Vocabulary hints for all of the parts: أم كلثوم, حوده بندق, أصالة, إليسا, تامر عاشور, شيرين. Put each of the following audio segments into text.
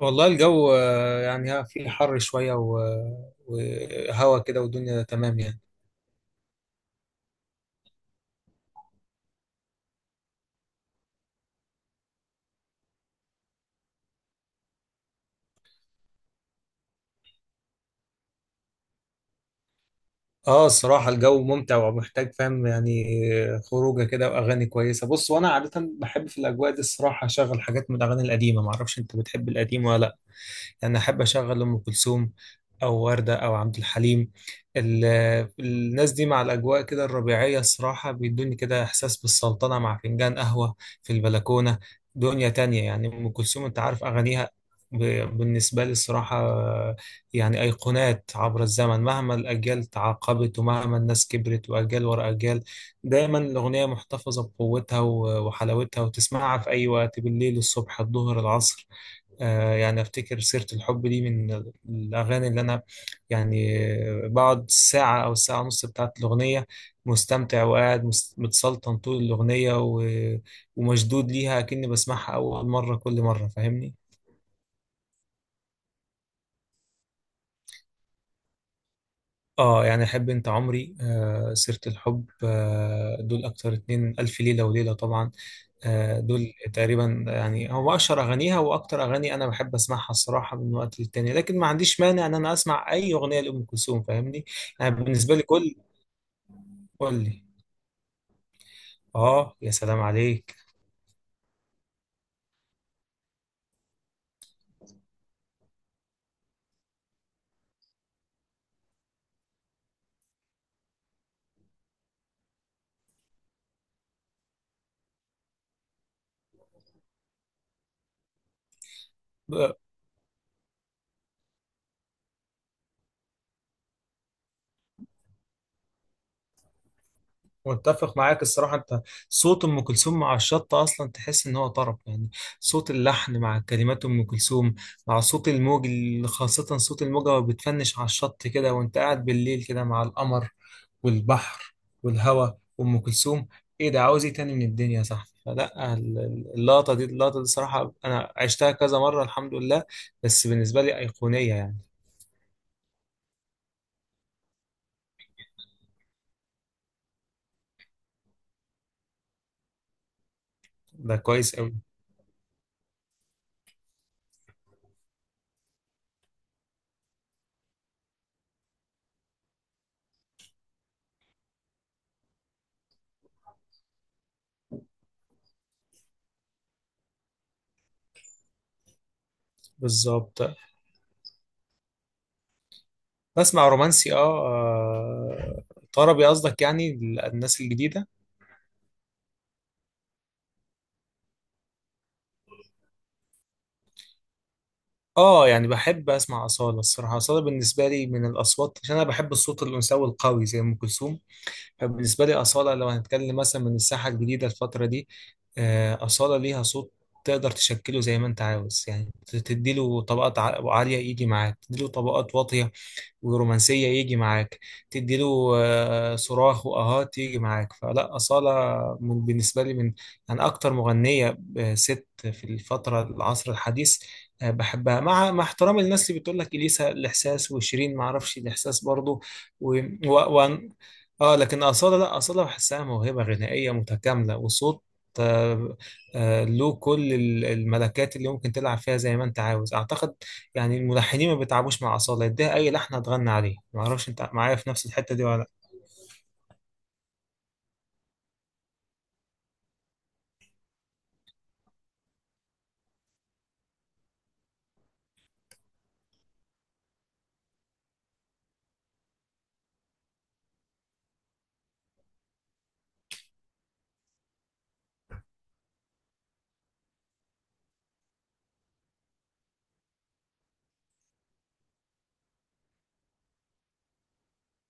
والله الجو، يعني ها في حر شوية وهوا كده والدنيا تمام يعني. اه، الصراحة الجو ممتع ومحتاج، فاهم يعني. خروجة كده وأغاني كويسة. بص، وأنا عادة بحب في الأجواء دي الصراحة أشغل حاجات من الأغاني القديمة. معرفش أنت بتحب القديم ولا لأ. يعني احب اشغل ام كلثوم او وردة او عبد الحليم. ال- الناس دي مع الاجواء كده الربيعية الصراحة بيدوني كده احساس بالسلطنة مع فنجان قهوة في البلكونة. دنيا تانية يعني. ام كلثوم انت عارف اغانيها، بالنسبة لي الصراحة يعني أيقونات عبر الزمن. مهما الأجيال تعاقبت ومهما الناس كبرت وأجيال ورا أجيال، دايما الأغنية محتفظة بقوتها وحلاوتها، وتسمعها في أي وقت، بالليل الصبح الظهر العصر. يعني افتكر سيرة الحب دي من الاغاني اللي انا يعني بقعد ساعة او ساعة ونص بتاعت الاغنية مستمتع، وقاعد متسلطن طول الاغنية ومشدود ليها، كأني بسمعها اول مرة كل مرة، فاهمني. اه يعني احب انت عمري، سيرة الحب، دول اكتر اتنين. الف ليلة وليلة طبعا. دول تقريبا يعني هو اشهر اغانيها واكتر اغاني انا بحب اسمعها الصراحة من وقت للتاني. لكن ما عنديش مانع ان انا اسمع اي اغنية لام كلثوم، فاهمني. يعني بالنسبة لي كل... قول لي. اه يا سلام عليك! متفق معاك الصراحة. أنت صوت أم كلثوم مع الشط أصلا تحس إن هو طرب يعني. صوت اللحن مع كلمات أم كلثوم مع صوت الموج، خاصة صوت الموجة وهي بتفنش على الشط كده، وأنت قاعد بالليل كده مع القمر والبحر والهواء وأم كلثوم، إيه ده؟ عاوز إيه تاني من الدنيا يا صاحبي؟ فلا اللقطة دي، الصراحة أنا عشتها كذا مرة الحمد لله، بس بالنسبة لي أيقونية يعني. ده كويس أوي. بالظبط. بسمع رومانسي، اه، طربي قصدك يعني. الناس الجديدة، اه يعني بحب اسمع أصالة الصراحة. أصالة بالنسبة لي من الأصوات، عشان أنا بحب الصوت الأنثوي القوي زي أم كلثوم. فبالنسبة لي أصالة لو هنتكلم مثلا من الساحة الجديدة الفترة دي، أصالة ليها صوت تقدر تشكله زي ما أنت عاوز يعني. تديله طبقات عالية يجي معاك، تديله طبقات واطية ورومانسية يجي معاك، تدي له صراخ وآهات يجي معاك. فلا، أصالة بالنسبة لي من يعني أكتر مغنية، ست في الفترة العصر الحديث، بحبها، مع احترامي للناس اللي بتقول لك إليسا الإحساس وشيرين. ما أعرفش الإحساس برضو و... و... و... آه، لكن أصالة لا، أصالة بحسها موهبة غنائية متكاملة وصوت، آه، له كل الملكات اللي ممكن تلعب فيها زي ما أنت عاوز أعتقد. يعني الملحنين ما بيتعبوش مع أصالة، يديها أي لحن هتغني عليه. ما أعرفش أنت معايا في نفس الحتة دي ولا لأ.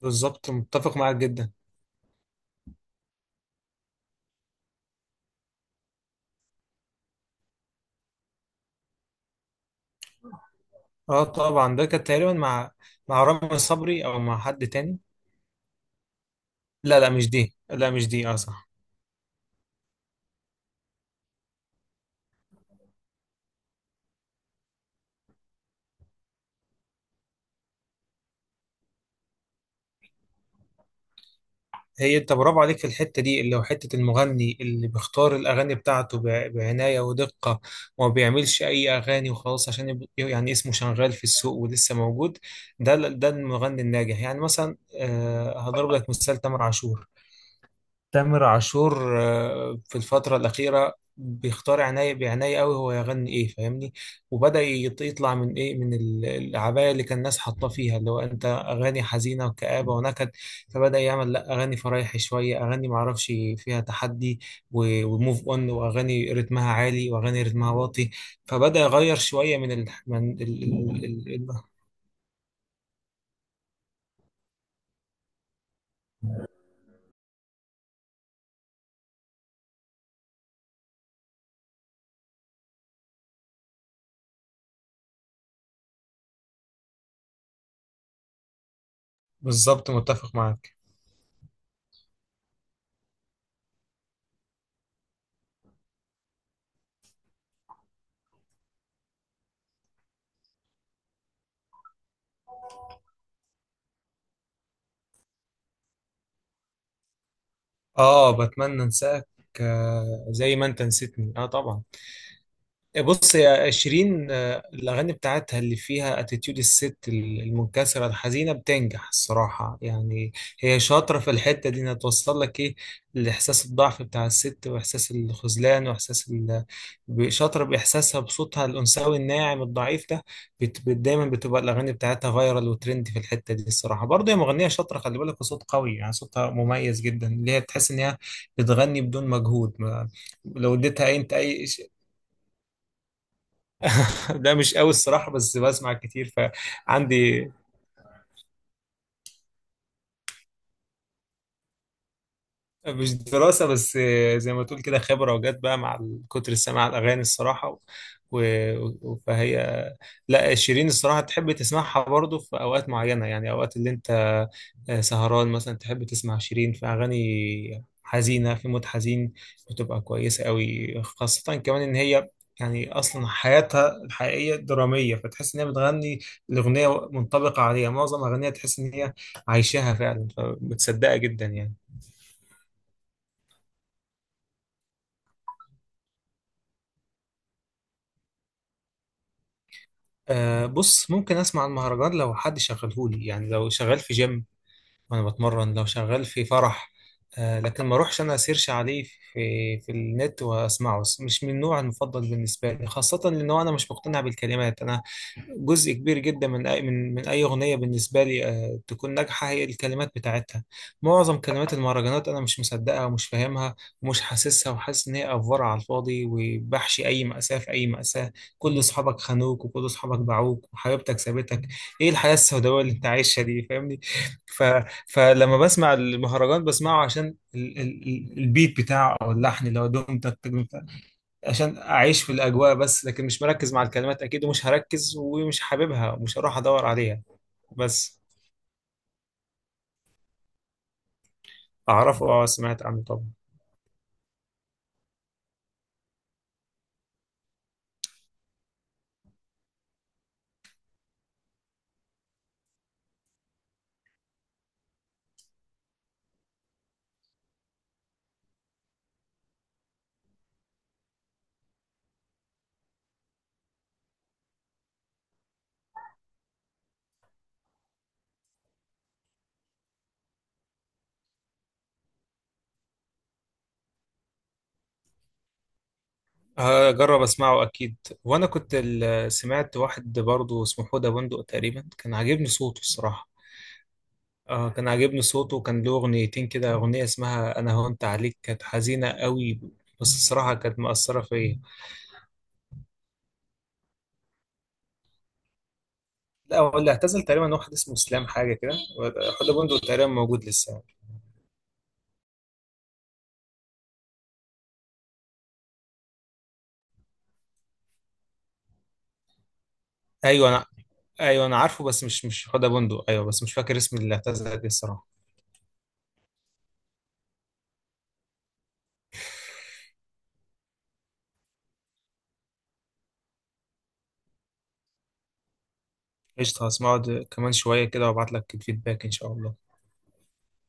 بالظبط، متفق معاك جدا. أه طبعا، ده كانت تقريبا مع... مع رامي صبري أو مع حد تاني. لا لا مش دي، لا مش دي، أه صح. هي أنت برافو عليك في الحتة دي، اللي هو حتة المغني اللي بيختار الأغاني بتاعته بعناية ودقة، وما بيعملش أي أغاني وخلاص عشان يعني اسمه شغال في السوق ولسه موجود. ده ده المغني الناجح يعني. مثلا هضرب لك مثال، تامر عاشور. تامر عاشور في الفترة الأخيرة بيختار عناية بعناية قوي هو يغني إيه فاهمني. وبدأ يطلع من إيه، من العباية اللي كان الناس حاطاه فيها، اللي هو أنت أغاني حزينة وكآبة ونكد. فبدأ يعمل لأ، أغاني فرايحي شوية، أغاني معرفش فيها تحدي وموف أون، وأغاني رتمها عالي وأغاني رتمها واطي. فبدأ يغير شوية من ال... من ال... ال... ال... ال... بالظبط متفق معاك. آه بتمنى أنساك، زي ما أنت نسيتني، آه طبعا. بص يا شيرين، الأغاني بتاعتها اللي فيها اتيتيود الست المنكسرة الحزينة بتنجح الصراحة يعني. هي شاطرة في الحتة دي، إنها توصل لك إيه، الإحساس، الضعف بتاع الست وإحساس الخذلان وإحساس شاطرة بإحساسها بصوتها الأنثوي الناعم الضعيف ده. دايما بتبقى الأغاني بتاعتها فايرال وترند في الحتة دي الصراحة برضه. هي مغنية شاطرة، خلي بالك، وصوت قوي يعني. صوتها مميز جدا، اللي هي تحس إن هي بتغني بدون مجهود. ما... لو اديتها أي أنت أي... لا مش قوي الصراحة، بس بسمع كتير فعندي. مش دراسة، بس زي ما تقول كده خبرة وجت بقى مع كتر السماع الأغاني الصراحة فهي لا، شيرين الصراحة تحب تسمعها برضو في أوقات معينة. يعني أوقات اللي أنت سهران مثلا، تحب تسمع شيرين في أغاني حزينة في مود حزين، بتبقى كويسة قوي. خاصة كمان إن هي يعني أصلا حياتها الحقيقية درامية، فتحس إن هي بتغني الأغنية منطبقة عليها. معظم أغانيها تحس إن هي عايشاها فعلا فبتصدقها جدا يعني. أه بص، ممكن اسمع المهرجان لو حد شغلهولي يعني، لو شغال في جيم وانا بتمرن، لو شغال في فرح، لكن ما اروحش انا اسيرش عليه في النت واسمعه. مش من النوع المفضل بالنسبه لي، خاصه لانه انا مش مقتنع بالكلمات. انا جزء كبير جدا من أي من أي أغنية بالنسبة لي تكون ناجحة هي الكلمات بتاعتها. معظم كلمات المهرجانات أنا مش مصدقها ومش فاهمها ومش حاسسها، وحاسس إن هي أفورة على الفاضي وبحشي أي مأساة في أي مأساة. كل أصحابك خانوك وكل أصحابك باعوك وحبيبتك سابتك، إيه الحياة السوداوية اللي أنت عايشها دي؟ فاهمني. ف... فلما بسمع المهرجان بسمعه عشان البيت بتاعه او اللحن اللي هو دوم تك تك دوم تك، عشان اعيش في الاجواء بس. لكن مش مركز مع الكلمات اكيد، ومش هركز ومش حاببها ومش هروح ادور عليها بس. اعرفه، اه، سمعت عنه طبعا. هجرب اسمعه اكيد. وانا كنت سمعت واحد برضه اسمه حوده بندق تقريبا، كان عاجبني صوته الصراحه. آه كان عاجبني صوته، وكان له اغنيتين كده. اغنيه اسمها انا هونت عليك، كانت حزينه قوي بس الصراحه كانت مأثره فيا. لا هو اللي اعتزل تقريبا واحد اسمه اسلام حاجه كده. حوده بندق تقريبا موجود لسه يعني. ايوه انا... ايوه انا عارفه، بس مش حوده بندق، ايوه بس مش فاكر اسم اللي اعتزل ايه الصراحه. قشطه، هسمعه كمان شويه كده وابعت لك الفيدباك ان شاء الله.